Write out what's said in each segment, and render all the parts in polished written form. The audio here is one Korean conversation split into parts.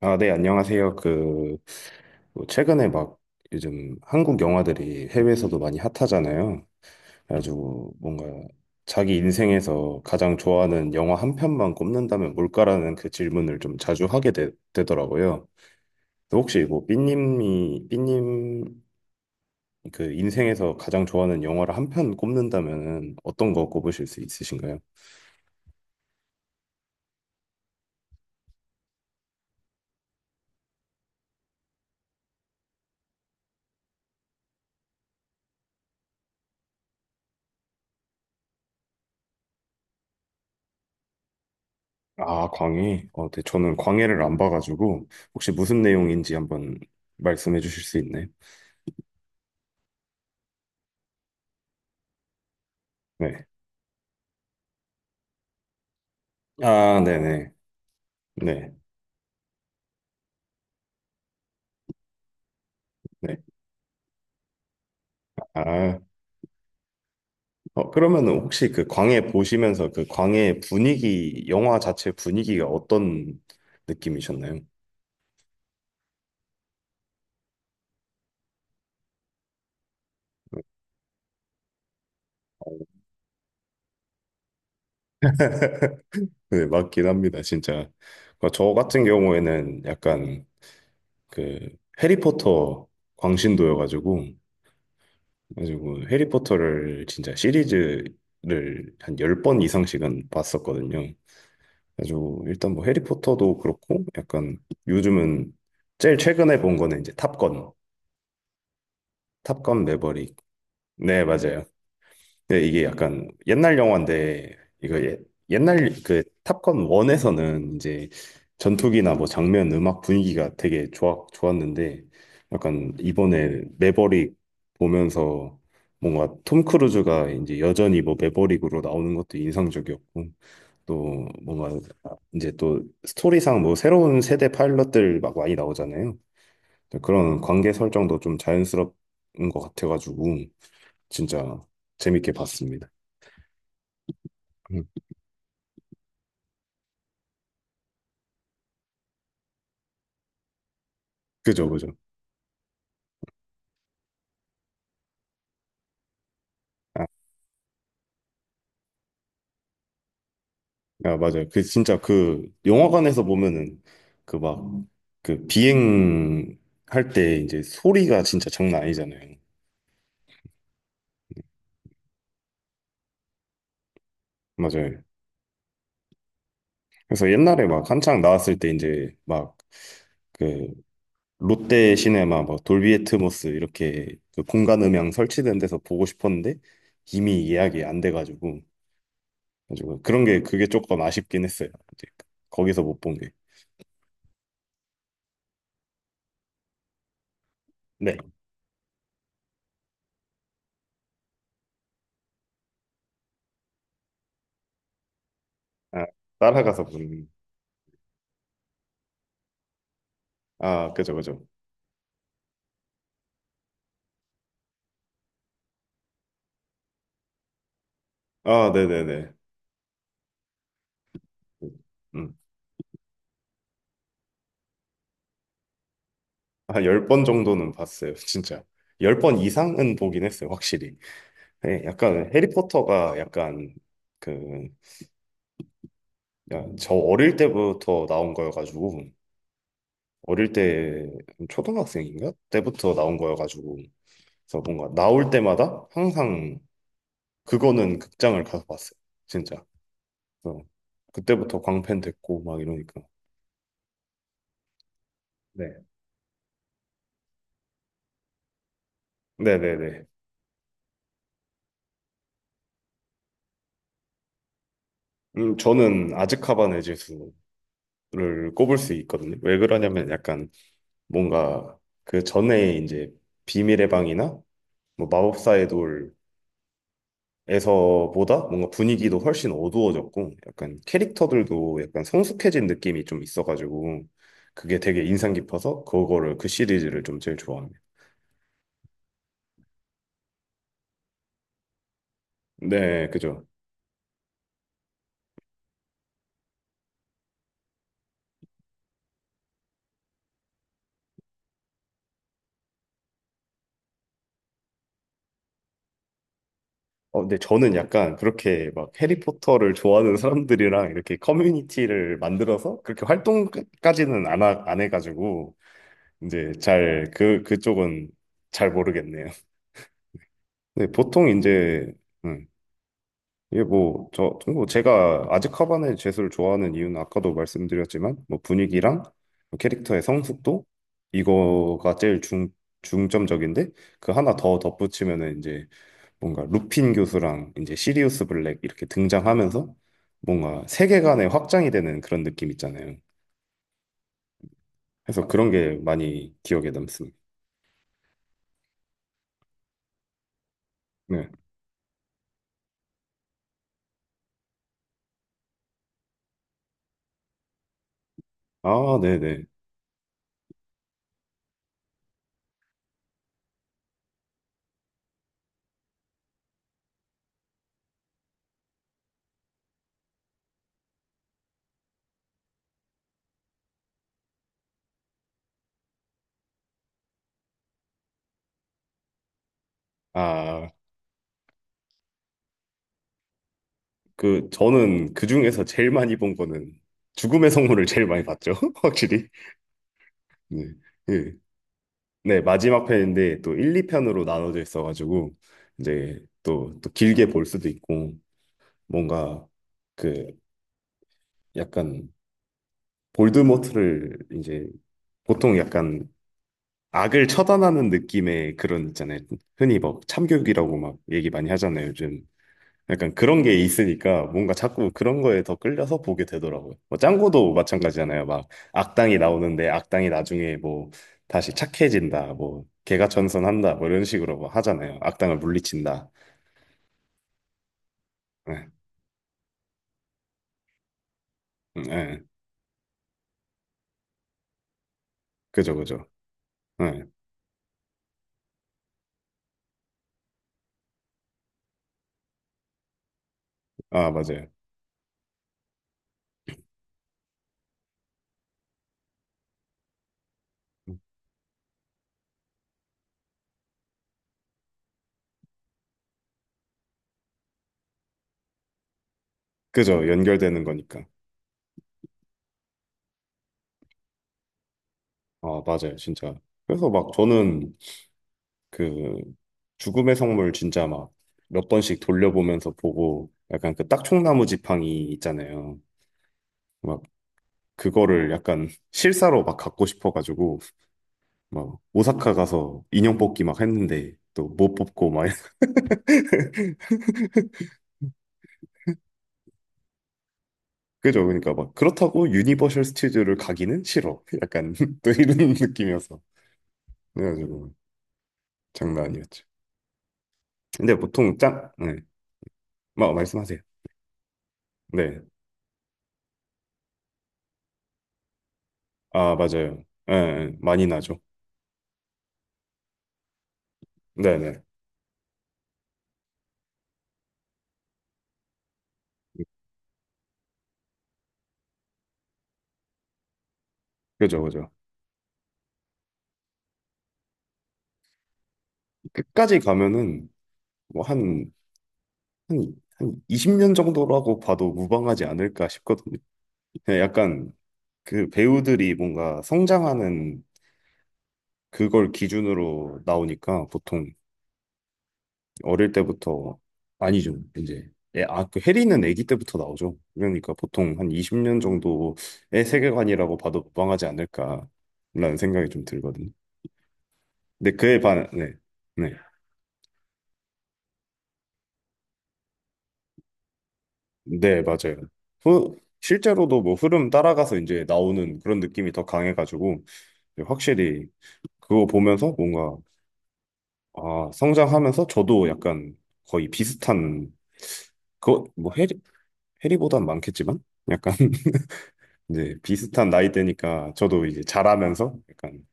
아, 네, 안녕하세요. 뭐 최근에 막 요즘 한국 영화들이 해외에서도 많이 핫하잖아요. 그래가지고 뭔가 자기 인생에서 가장 좋아하는 영화 한 편만 꼽는다면 뭘까라는 그 질문을 좀 자주 하게 더라고요. 혹시 뭐 삐님 그 인생에서 가장 좋아하는 영화를 한 편 꼽는다면 어떤 거 꼽으실 수 있으신가요? 아, 광해. 어, 네, 저는 광해를 안 봐가지고 혹시 무슨 내용인지 한번 말씀해 주실 수 있나요? 네. 아, 네네. 네. 네. 아, 어, 그러면 혹시 그 광해 보시면서 그 광해 분위기, 영화 자체 분위기가 어떤 느낌이셨나요? 네, 맞긴 합니다, 진짜. 그저 같은 경우에는 약간 그 해리포터 광신도여가지고, 가지고 해리포터를 진짜 시리즈를 한 10번 이상씩은 봤었거든요. 그래가지고 일단 뭐 해리포터도 그렇고, 약간 요즘은 제일 최근에 본 거는 이제 탑건. 탑건 매버릭. 네, 맞아요. 네, 이게 약간 옛날 영화인데 이거 예- 옛날 그 탑건 1에서는 이제 전투기나 뭐 장면, 음악 분위기가 되게 좋았는데 약간 이번에 매버릭 보면서 뭔가 톰 크루즈가 이제 여전히 뭐 매버릭으로 나오는 것도 인상적이었고 또 뭔가 이제 또 스토리상 뭐 새로운 세대 파일럿들 막 많이 나오잖아요. 그런 관계 설정도 좀 자연스럽 인것 같아가지고 진짜 재밌게 봤습니다. 음. 그죠, 그죠. 아, 아, 맞아요. 그 진짜 그 영화관에서 보면은 그 막 비행 할 때 이제 소리가 진짜 장난 아니잖아요. 맞아요. 그래서 옛날에 막 한창 나왔을 때 이제 막 그 롯데 시네마 막 돌비 애트모스 이렇게 그 공간 음향 설치된 데서 보고 싶었는데 이미 예약이 안 돼가지고 가지고 그런 게 그게 조금 아쉽긴 했어요. 이제 거기서 못 본 게. 네. 아, 따라가서 보는. 아, 그죠, 그죠. 아, 네네네. 음. 한 열 번 정도는 봤어요, 진짜. 열 번 이상은 보긴 했어요, 확실히. 네, 약간 해리포터가 약간 그, 야, 저 어릴 때부터 나온 거여가지고, 어릴 때, 초등학생인가? 때부터 나온 거여가지고, 그래서 뭔가 나올 때마다 항상 그거는 극장을 가서 봤어요, 진짜. 그래서 그때부터 광팬 됐고, 막 이러니까. 네. 네네네. 저는 아즈카반의 죄수 를 꼽을 수 있거든요. 왜 그러냐면 약간 뭔가 그 전에 이제 비밀의 방이나 뭐 마법사의 돌에서보다 뭔가 분위기도 훨씬 어두워졌고 약간 캐릭터들도 약간 성숙해진 느낌이 좀 있어가지고 그게 되게 인상 깊어서 그거를 그 시리즈를 좀 제일 좋아합니다. 네, 그죠. 어, 근데 저는 약간 그렇게 막 해리포터를 좋아하는 사람들이랑 이렇게 커뮤니티를 만들어서 그렇게 활동까지는 안 해가지고 이제 잘, 그, 그쪽은 잘 모르겠네요. 네, 보통 이제, 음, 이게 뭐, 저, 뭐 제가 아즈카반의 죄수를 좋아하는 이유는 아까도 말씀드렸지만, 뭐 분위기랑 캐릭터의 성숙도, 이거가 제일 중점적인데, 그 하나 더 덧붙이면은 이제 뭔가 루핀 교수랑 이제 시리우스 블랙 이렇게 등장하면서 뭔가 세계관의 확장이 되는 그런 느낌 있잖아요. 그래서 그런 게 많이 기억에 남습니다. 네. 아, 네네. 아, 그 저는 그 중에서 제일 많이 본 거는 죽음의 성물을 제일 많이 봤죠. 확실히. 네. 예. 네, 마지막 편인데 또 1, 2편으로 나눠져 있어 가지고 이제 또 길게 볼 수도 있고 뭔가 그 약간 볼드모트를 이제 보통 약간 악을 처단하는 느낌의 그런 있잖아요. 흔히 막 참교육이라고 막 얘기 많이 하잖아요, 요즘. 약간 그런 게 있으니까 뭔가 자꾸 그런 거에 더 끌려서 보게 되더라고요. 뭐 짱구도 마찬가지잖아요. 막 악당이 나오는데 악당이 나중에 뭐 다시 착해진다, 뭐 개가 전선한다, 뭐 이런 식으로 뭐 하잖아요. 악당을 물리친다. 네, 네, 그죠, 그죠. 네, 아, 맞아요. 그죠, 연결되는 거니까. 아, 맞아요, 진짜. 그래서 막 저는 그 죽음의 성물 진짜 막 몇 번씩 돌려보면서 보고 약간 그 딱총나무 지팡이 있잖아요. 막 그거를 약간 실사로 막 갖고 싶어가지고 막 오사카 가서 인형 뽑기 막 했는데 또 못 뽑고 막 그죠? 그러니까 막 그렇다고 유니버셜 스튜디오를 가기는 싫어. 약간 또 이런 느낌이어서 그래가지고 장난 아니었죠. 근데 보통 짠, 네, 막 말씀하세요. 네, 아 맞아요. 예, 예, 많이 나죠. 네네, 그죠, 그죠. 끝까지 가면은 뭐 한 20년 정도라고 봐도 무방하지 않을까 싶거든요. 예, 약간 그 배우들이 뭔가 성장하는 그걸 기준으로 나오니까 보통 어릴 때부터 아니죠. 이제 예, 아, 그 해리는 아기 때부터 나오죠. 그러니까 보통 한 20년 정도의 세계관이라고 봐도 무방하지 않을까라는 생각이 좀 들거든요. 근데 그에 반, 네, 네, 네, 맞아요. 후, 실제로도 뭐 흐름 따라가서 이제 나오는 그런 느낌이 더 강해가지고 확실히 그거 보면서 뭔가 아, 성장하면서 저도 약간 거의 비슷한, 그, 뭐, 해리, 해리보단 많겠지만? 약간, 이제 비슷한 나이대니까 저도 이제 자라면서 약간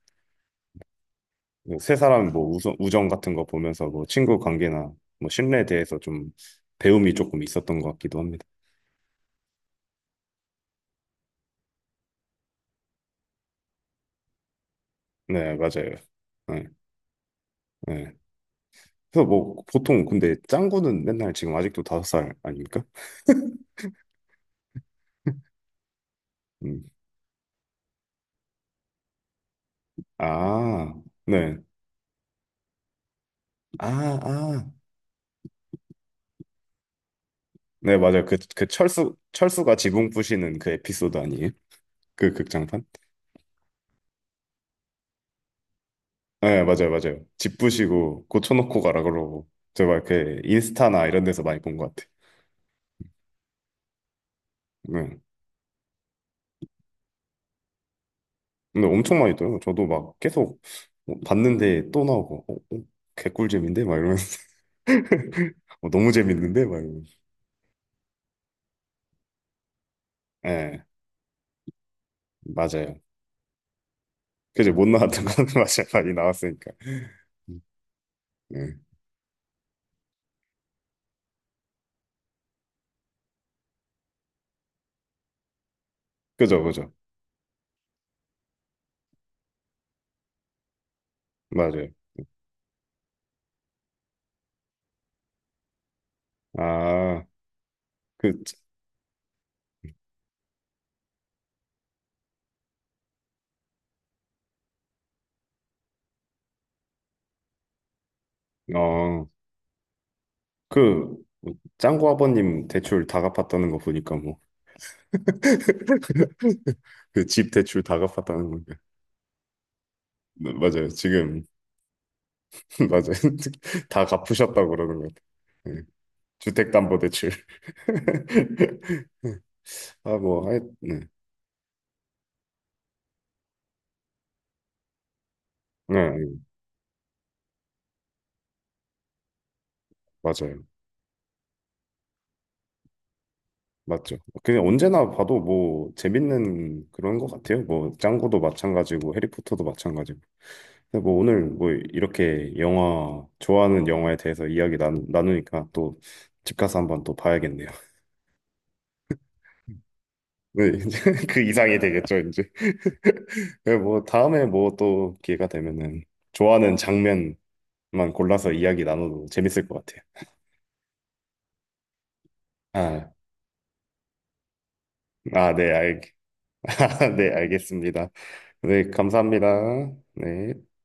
세 사람 뭐 우정 같은 거 보면서 뭐 친구 관계나 뭐 신뢰에 대해서 좀 배움이 조금 있었던 것 같기도 합니다. 네, 맞아요. 네, 네. 그래서 뭐 보통 근데 짱구는 맨날 지금 아직도 다섯 살 아닙니까? 음. 아, 네. 아, 아. 네, 맞아요. 그, 철수가 지붕 부시는 그 에피소드 아니에요? 그 극장판? 네, 맞아요. 집 부시고 고쳐놓고 가라 그러고. 제가 이렇게 인스타나 이런 데서 많이 본 것 같아요. 네. 근데 엄청 많이 떠요. 저도 막 계속 어, 봤는데 또 나오고, 어, 어, 개꿀잼인데? 막 이러면서. 어, 너무 재밌는데? 막 이러면서. 네, 맞아요. 그죠? 못 나왔던 거는 맞아요. 많이 나왔으니까. 음, 네. 그죠, 그죠. 맞아요. 아, 그, 어, 그, 짱구 아버님 대출 다 갚았다는 거 보니까 뭐 그 집 대출 다 갚았다는 건데. 네, 맞아요. 지금 맞아요. 다 갚으셨다고 그러는 것 같아요. 네. 주택담보대출. 아, 뭐, 하여, 네. 네, 네, 맞아요. 맞죠. 그냥 언제나 봐도 뭐 재밌는 그런 것 같아요. 뭐 짱구도 마찬가지고 해리포터도 마찬가지고. 근데 뭐 오늘 뭐 이렇게 영화 좋아하는 영화에 대해서 이야기 나누니까 또 집 가서 한번 또 봐야겠네요. 네, 이제 그 이상이 되겠죠 이제. 네, 뭐 다음에 뭐 또 기회가 되면은 좋아하는 장면만 골라서 이야기 나눠도 재밌을 것 같아요. 아, 아, 네, 알, 아, 네, 알겠습니다. 네, 감사합니다. 네.